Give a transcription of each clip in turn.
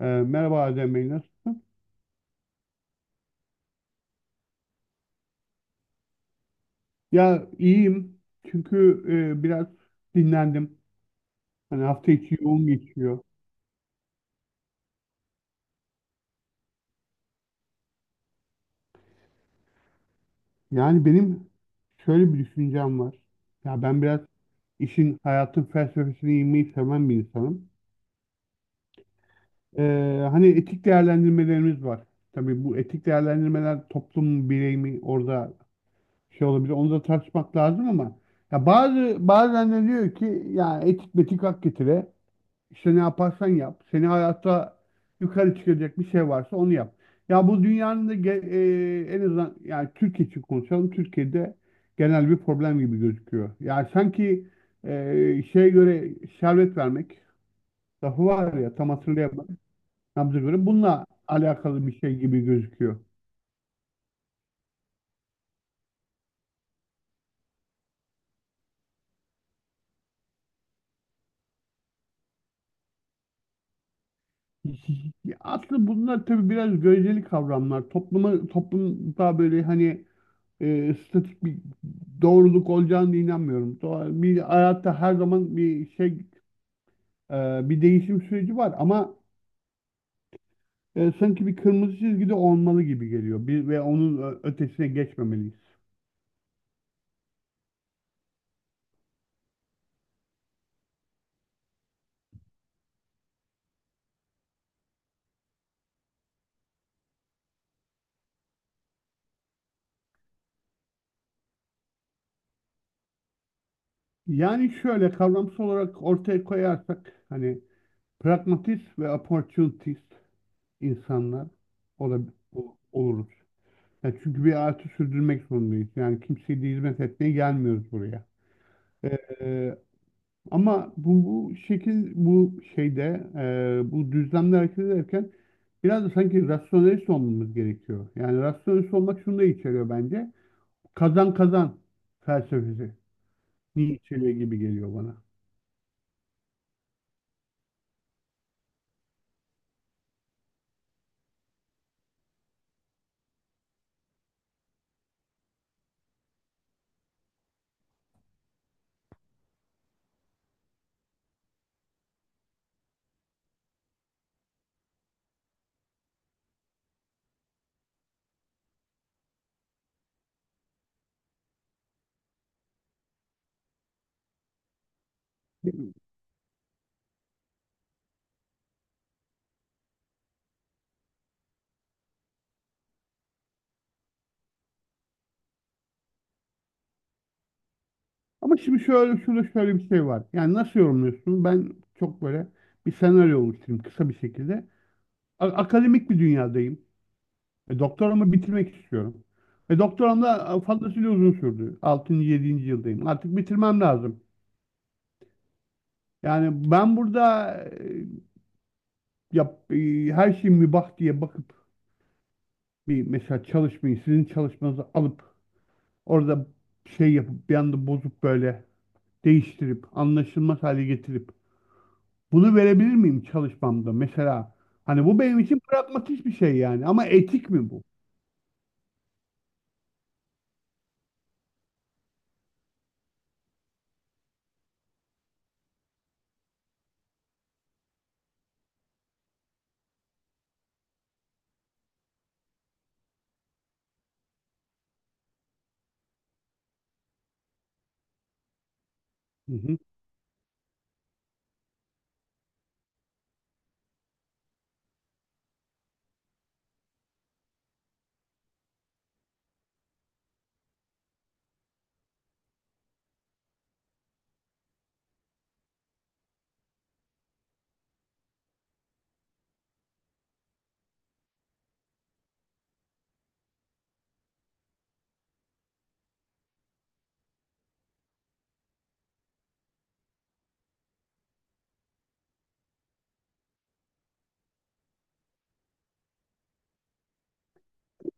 Merhaba Adem Bey, nasılsın? Ya iyiyim çünkü biraz dinlendim. Hani hafta içi yoğun geçiyor. Yani benim şöyle bir düşüncem var. Ya ben biraz işin hayatın felsefesine inmeyi seven bir insanım. Hani etik değerlendirmelerimiz var. Tabii bu etik değerlendirmeler toplum mu, birey mi, orada şey olabilir. Onu da tartışmak lazım, ama ya bazen de diyor ki ya etik metik hak getire. İşte ne yaparsan yap. Seni hayatta yukarı çıkacak bir şey varsa onu yap. Ya bu dünyanın da ge- e, En azından yani Türkiye için konuşalım. Türkiye'de genel bir problem gibi gözüküyor. Yani sanki şeye göre şerbet vermek lafı var ya, tam hatırlayamadım. Nabza göre, bununla alakalı bir şey gibi gözüküyor. Ya aslında bunlar tabii biraz göreceli kavramlar. Topluma, toplumda böyle hani statik bir doğruluk olacağını da inanmıyorum. Bir hayatta her zaman bir şey, bir değişim süreci var, ama sanki bir kırmızı çizgi de olmalı gibi geliyor. Bir ve onun ötesine geçmemeliyiz. Yani şöyle kavramsal olarak ortaya koyarsak, hani, pragmatist ve opportunist insanlar oluruz. Ya çünkü bir hayatı sürdürmek zorundayız. Yani kimseye de hizmet etmeye gelmiyoruz buraya. E, Ama bu, bu şekil bu şeyde e, bu düzlemde hareket ederken biraz da sanki rasyonelist olmamız gerekiyor. Yani rasyonelist olmak şunu da içeriyor bence. Kazan kazan felsefesi. Ni içeriyor gibi geliyor bana. Ama şimdi şöyle, şurada şöyle bir şey var. Yani nasıl yorumluyorsun? Ben çok böyle bir senaryo oluşturayım kısa bir şekilde. Akademik bir dünyadayım. Doktoramı bitirmek istiyorum. Doktoram da fazlasıyla uzun sürdü. 6. yedinci yıldayım. Artık bitirmem lazım. Yani ben burada yap, e, her şey mübah diye bakıp sizin çalışmanızı alıp orada şey yapıp, bir anda bozup, böyle değiştirip anlaşılmaz hale getirip bunu verebilir miyim çalışmamda mesela? Hani bu benim için pragmatik bir şey yani, ama etik mi bu? Hı hı.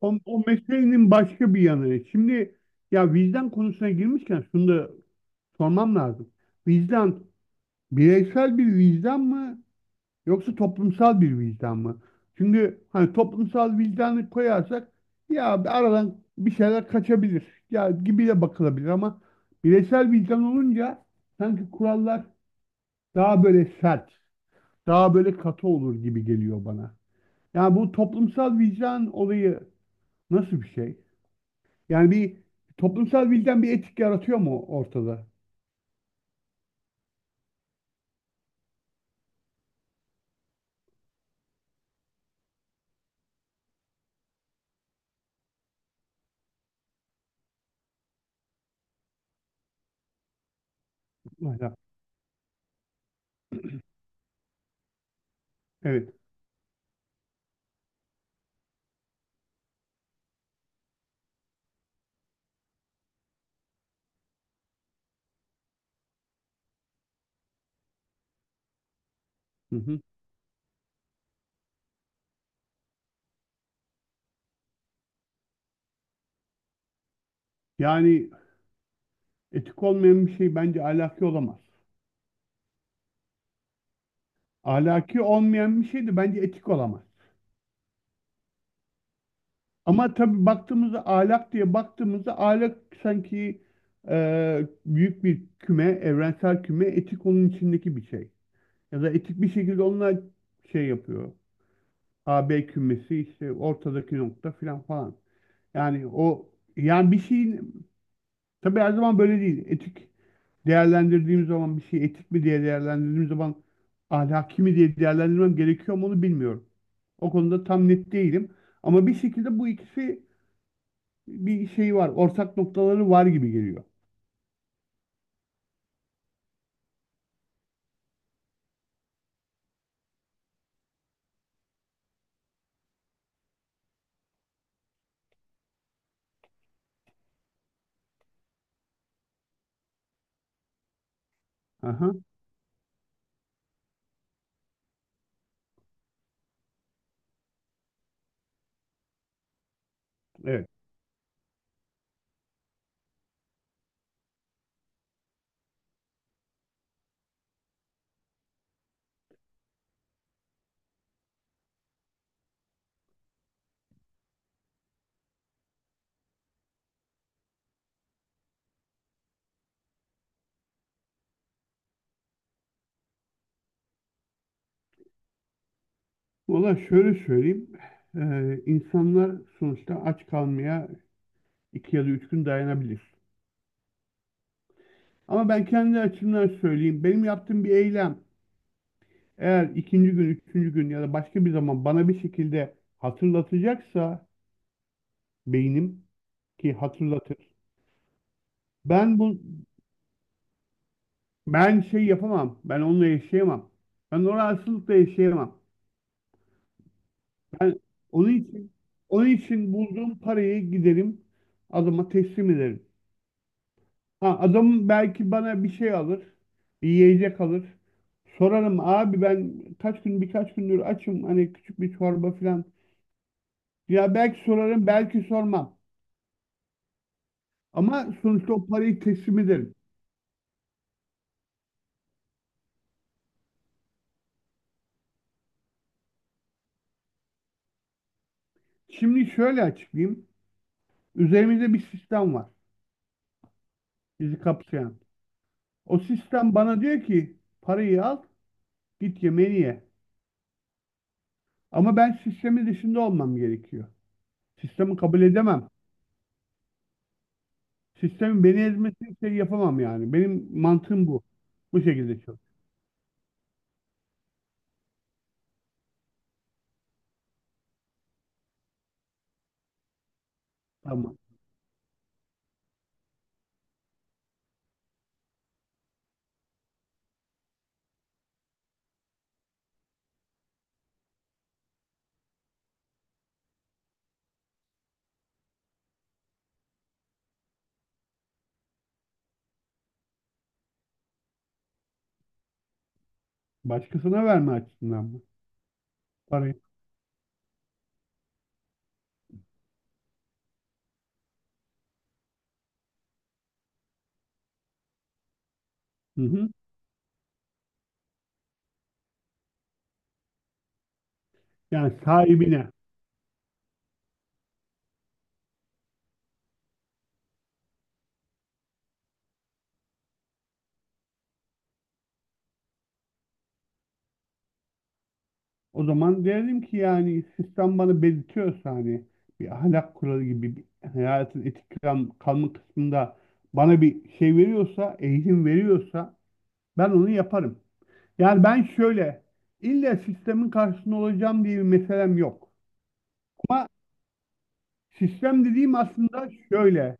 O meselenin başka bir yanı. Şimdi, ya vicdan konusuna girmişken şunu da sormam lazım. Vicdan bireysel bir vicdan mı yoksa toplumsal bir vicdan mı? Çünkü hani toplumsal vicdanı koyarsak ya aradan bir şeyler kaçabilir ya gibi de bakılabilir, ama bireysel vicdan olunca sanki kurallar daha böyle sert, daha böyle katı olur gibi geliyor bana. Yani bu toplumsal vicdan olayı nasıl bir şey? Yani bir toplumsal bilden bir etik yaratıyor mu ortada? Ahlak. Evet. Hı hı. Yani etik olmayan bir şey bence ahlaki olamaz. Ahlaki olmayan bir şey de bence etik olamaz. Ama tabii baktığımızda ahlak, diye baktığımızda ahlak sanki büyük bir küme, evrensel küme, etik onun içindeki bir şey. Ya da etik bir şekilde onunla şey yapıyor. A, B kümesi işte, ortadaki nokta filan falan. Yani o, yani bir şeyin. Tabii her zaman böyle değil. Etik değerlendirdiğim zaman, bir şey etik mi diye değerlendirdiğim zaman ahlaki mi diye değerlendirmem gerekiyor mu, onu bilmiyorum. O konuda tam net değilim. Ama bir şekilde bu ikisi, bir şey var. Ortak noktaları var gibi geliyor. Aha, evet. Valla şöyle söyleyeyim. İnsanlar sonuçta aç kalmaya iki ya da üç gün dayanabilir. Ama ben kendi açımdan söyleyeyim. Benim yaptığım bir eylem, eğer ikinci gün, üçüncü gün ya da başka bir zaman bana bir şekilde hatırlatacaksa beynim, ki hatırlatır, Ben bu ben şey yapamam. Ben onunla yaşayamam. Ben o rahatsızlıkla yaşayamam. Ben onun için, bulduğum parayı giderim adama teslim ederim. Ha, adam belki bana bir şey alır, bir yiyecek alır. Sorarım, abi ben kaç gün birkaç gündür açım, hani küçük bir çorba falan. Ya belki sorarım, belki sormam. Ama sonuçta o parayı teslim ederim. Şimdi şöyle açıklayayım. Üzerimizde bir sistem var. Bizi kapsayan. O sistem bana diyor ki parayı al, git yemeğini ye. Ama ben sistemin dışında olmam gerekiyor. Sistemi kabul edemem. Sistemin beni ezmesini şey yapamam yani. Benim mantığım bu. Bu şekilde çalışıyor. Tamam. Başkasına verme açısından mı? Parayı. Hı hı. Yani sahibine. O zaman derdim ki, yani sistem bana belirtiyorsa hani bir ahlak kuralı gibi, bir hayatın etik kalma kısmında bana bir şey veriyorsa, eğitim veriyorsa, ben onu yaparım. Yani ben şöyle, illa sistemin karşısında olacağım diye bir meselem yok. Ama sistem dediğim aslında şöyle,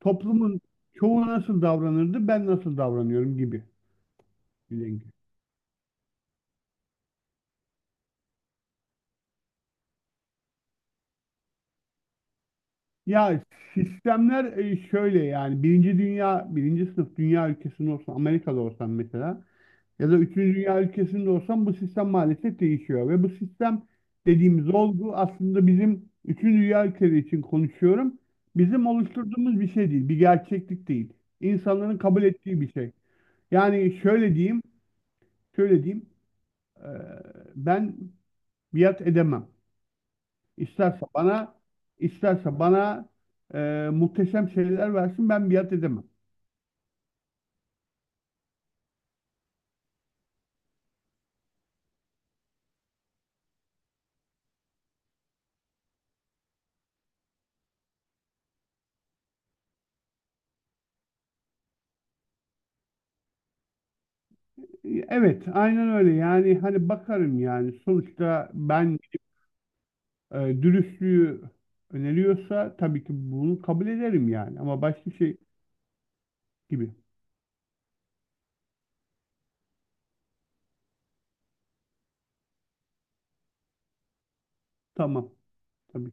toplumun çoğu nasıl davranırdı, ben nasıl davranıyorum gibi bir denge. Ya sistemler, şöyle, yani birinci sınıf dünya ülkesinde olsan, Amerika'da olsan mesela, ya da üçüncü dünya ülkesinde olsan bu sistem maalesef değişiyor, ve bu sistem dediğimiz olgu aslında, bizim üçüncü dünya ülkeleri için konuşuyorum, bizim oluşturduğumuz bir şey değil, bir gerçeklik değil, insanların kabul ettiği bir şey. Yani şöyle diyeyim, şöyle diyeyim e, ben biat edemem. İsterse bana, isterse bana muhteşem şeyler versin, ben biat edemem. Evet, aynen öyle. Yani hani bakarım, yani sonuçta ben dürüstlüğü öneriyorsa tabii ki bunu kabul ederim yani, ama başka şey gibi. Tamam. Tabii.